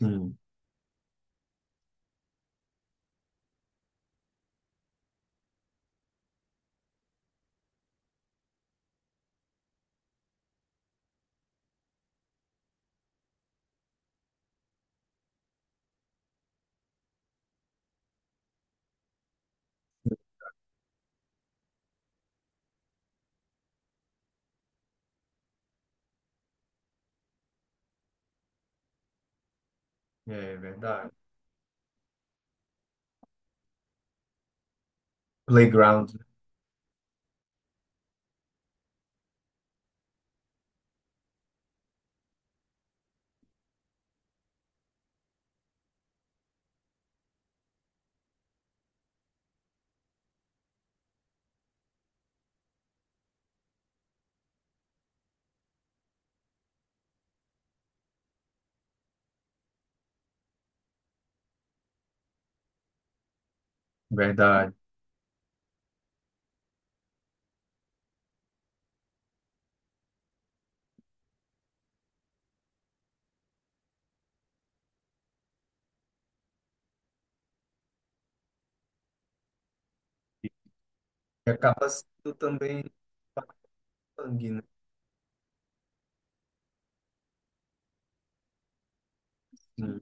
Sim, é verdade. Playground, verdade. E acaba sendo também sangue, né? Sim.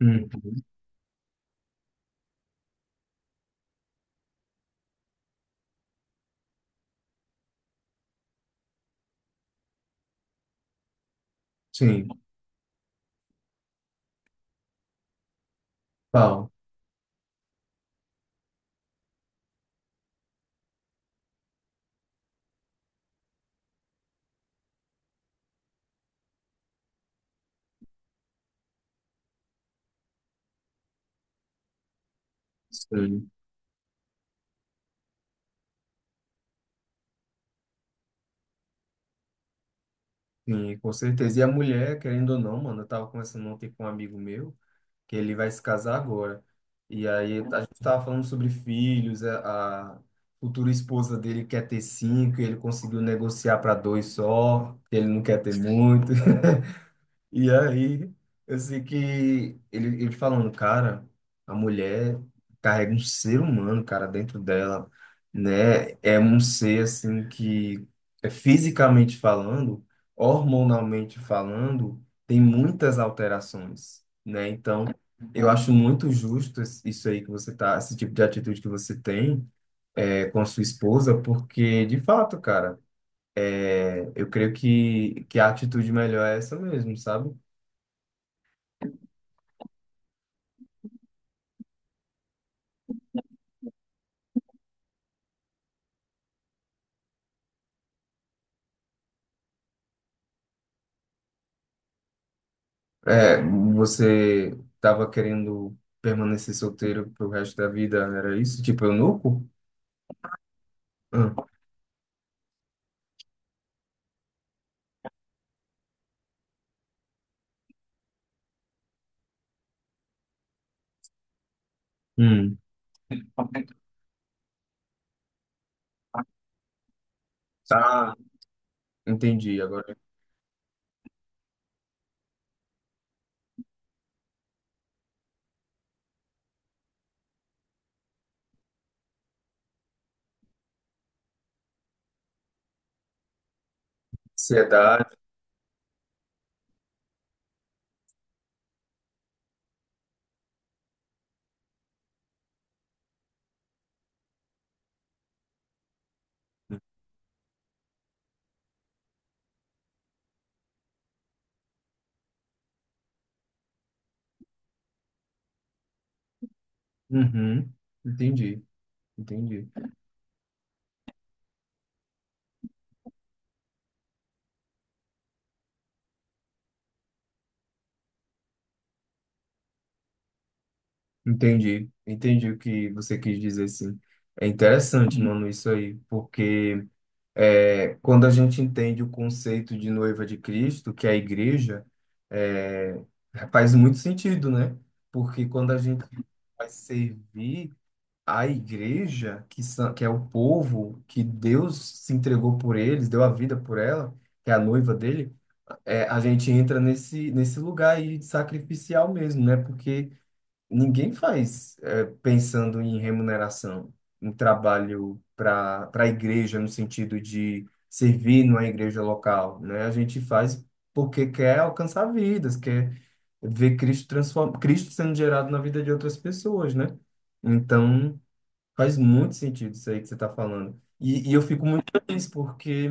Uhum. Sim, pau. Sim. Sim, com certeza. E a mulher, querendo ou não, mano, eu tava conversando ontem com um amigo meu, que ele vai se casar agora. E aí a gente tava falando sobre filhos, a futura esposa dele quer ter cinco, e ele conseguiu negociar para dois só, que ele não quer ter muito. E aí, eu sei que ele falando, cara, a mulher carrega um ser humano, cara, dentro dela, né? É um ser, assim, que é fisicamente falando, hormonalmente falando, tem muitas alterações, né? Então, eu acho muito justo isso aí que você tá, esse tipo de atitude que você tem, é, com a sua esposa, porque, de fato, cara, é, eu creio que, a atitude melhor é essa mesmo, sabe? É, você tava querendo permanecer solteiro pro resto da vida, era isso? Tipo, eunuco? Ah, hum. Tá, entendi. Agora, é ansiedade. Uhum. Entendi, entendi. Entendi, entendi o que você quis dizer, sim. É interessante, mano, isso aí, porque quando a gente entende o conceito de noiva de Cristo, que é a igreja, é, faz muito sentido, né? Porque quando a gente vai servir a igreja, que é o povo que Deus se entregou por eles, deu a vida por ela, que é a noiva dele, a gente entra nesse lugar aí de sacrificial mesmo, né? Porque ninguém faz é, pensando em remuneração, um trabalho para a igreja, no sentido de servir numa igreja local, né? A gente faz porque quer alcançar vidas, quer ver Cristo sendo gerado na vida de outras pessoas, né? Então, faz muito sentido isso aí que você está falando. E eu fico muito feliz porque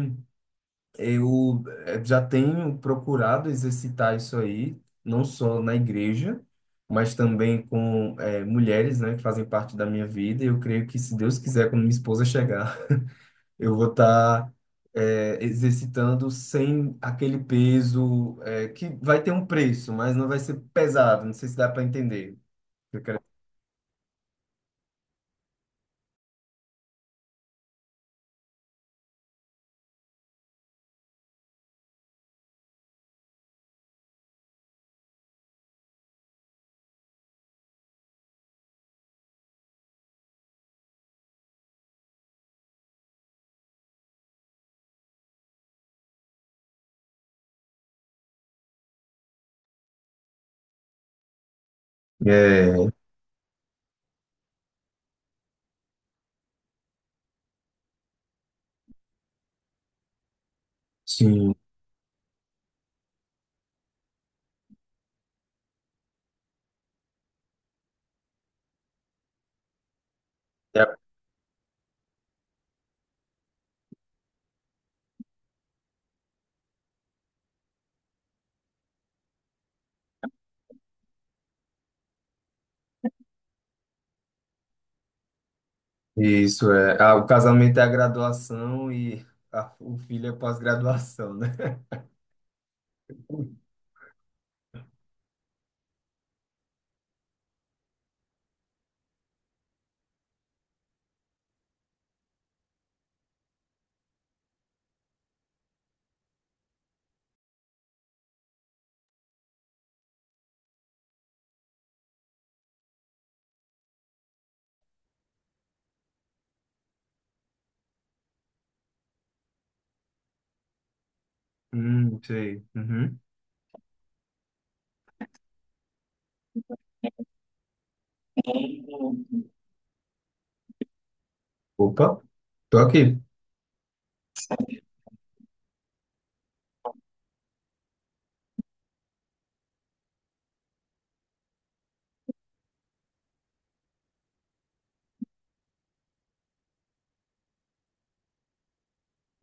eu já tenho procurado exercitar isso aí, não só na igreja, mas também com mulheres, né, que fazem parte da minha vida. E eu creio que, se Deus quiser, quando minha esposa chegar, eu vou estar exercitando sem aquele peso que vai ter um preço, mas não vai ser pesado. Não sei se dá para entender. O que eu quero... É, sim. Isso é. Ah, o casamento é a graduação e o filho é a pós-graduação, né? Sei. Uhum. Opa, tô aqui.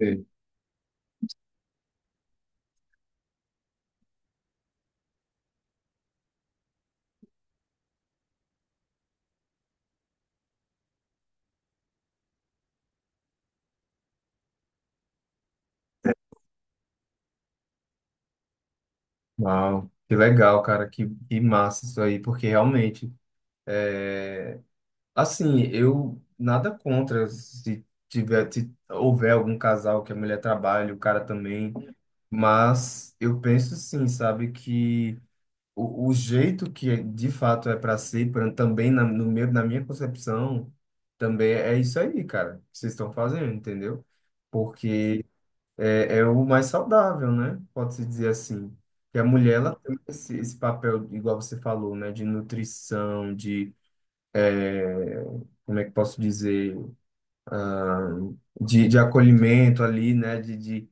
Ei. Uau, que legal, cara, que massa isso aí, porque realmente, é, assim, eu nada contra se tiver, se houver algum casal que a mulher trabalhe, o cara também, mas eu penso sim, sabe, que o jeito de fato é para ser, também na, no meu, na minha concepção, também é isso aí, cara, que vocês estão fazendo, entendeu? Porque é o mais saudável, né? Pode-se dizer assim. Que a mulher, ela tem esse papel, igual você falou, né? De nutrição, é, como é que posso dizer, de acolhimento ali, né? De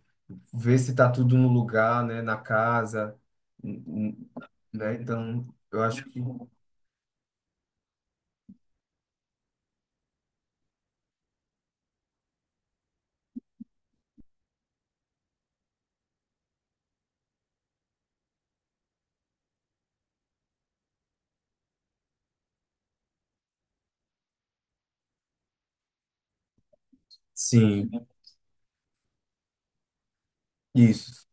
ver se tá tudo no lugar, né? Na casa, n- n- né? Então, eu acho que sim. Isso.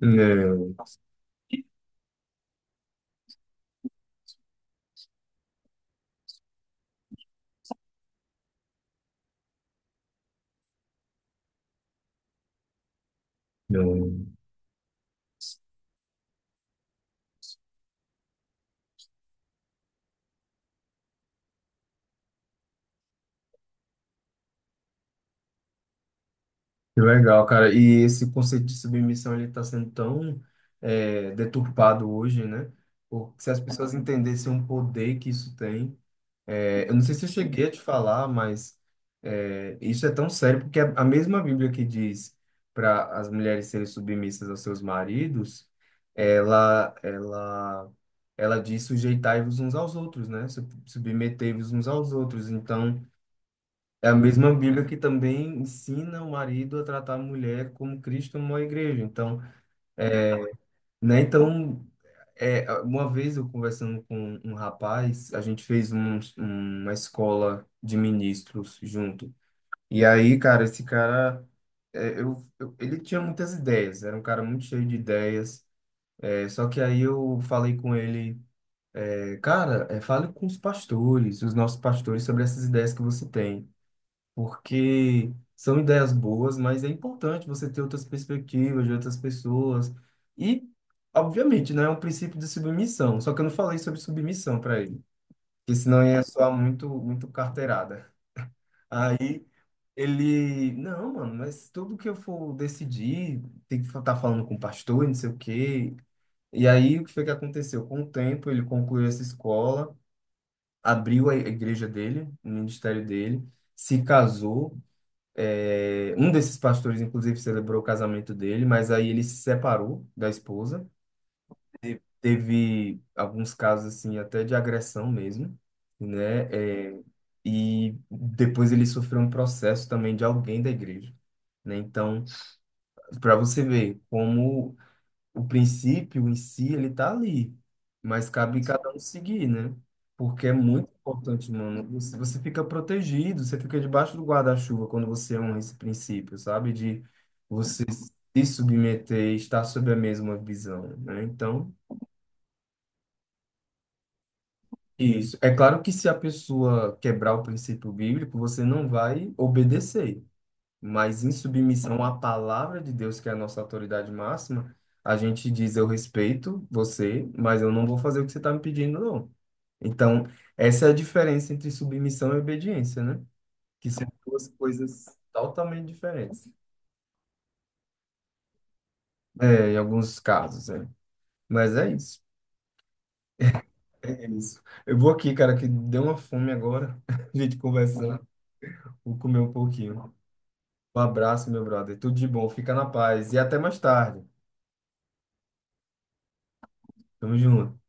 Não, não. Que legal, cara. E esse conceito de submissão ele está sendo tão deturpado hoje, né? Porque se as pessoas entendessem o poder que isso tem, eu não sei se eu cheguei a te falar, mas isso é tão sério porque a mesma Bíblia que diz para as mulheres serem submissas aos seus maridos, ela, ela, ela diz sujeitai-vos uns aos outros, né? Submetei-vos uns aos outros. Então, é a mesma Bíblia que também ensina o marido a tratar a mulher como Cristo amou a igreja. Então, né? Então, uma vez eu conversando com um rapaz, a gente fez uma escola de ministros junto. E aí, cara, esse cara, ele tinha muitas ideias, era um cara muito cheio de ideias. É, só que aí eu falei com ele, cara, fale com os pastores, os nossos pastores, sobre essas ideias que você tem. Porque são ideias boas, mas é importante você ter outras perspectivas de outras pessoas. E, obviamente, né, é um princípio de submissão, só que eu não falei sobre submissão para ele, porque senão ia soar muito, muito carteirada. Aí ele, não, mano, mas tudo que eu for decidir, tem que estar falando com o pastor, e não sei o quê. E aí, o que foi que aconteceu? Com o tempo, ele concluiu essa escola, abriu a igreja dele, o ministério dele, se casou, um desses pastores, inclusive, celebrou o casamento dele, mas aí ele se separou da esposa. Teve alguns casos, assim, até de agressão mesmo, né? É, e depois ele sofreu um processo também de alguém da igreja, né? Então, para você ver como o princípio em si, ele tá ali, mas cabe cada um seguir, né? Porque é muito importante, mano. Você fica protegido, você fica debaixo do guarda-chuva quando você honra esse princípio, sabe? De você se submeter e estar sob a mesma visão, né? Então, isso. É claro que se a pessoa quebrar o princípio bíblico, você não vai obedecer. Mas em submissão à palavra de Deus, que é a nossa autoridade máxima, a gente diz: Eu respeito você, mas eu não vou fazer o que você está me pedindo, não. Então, essa é a diferença entre submissão e obediência, né? Que são duas coisas totalmente diferentes. É, em alguns casos, é. Mas é isso. É isso. Eu vou aqui, cara, que deu uma fome agora. A gente conversando. Vou comer um pouquinho. Um abraço, meu brother. Tudo de bom. Fica na paz. E até mais tarde. Tamo junto.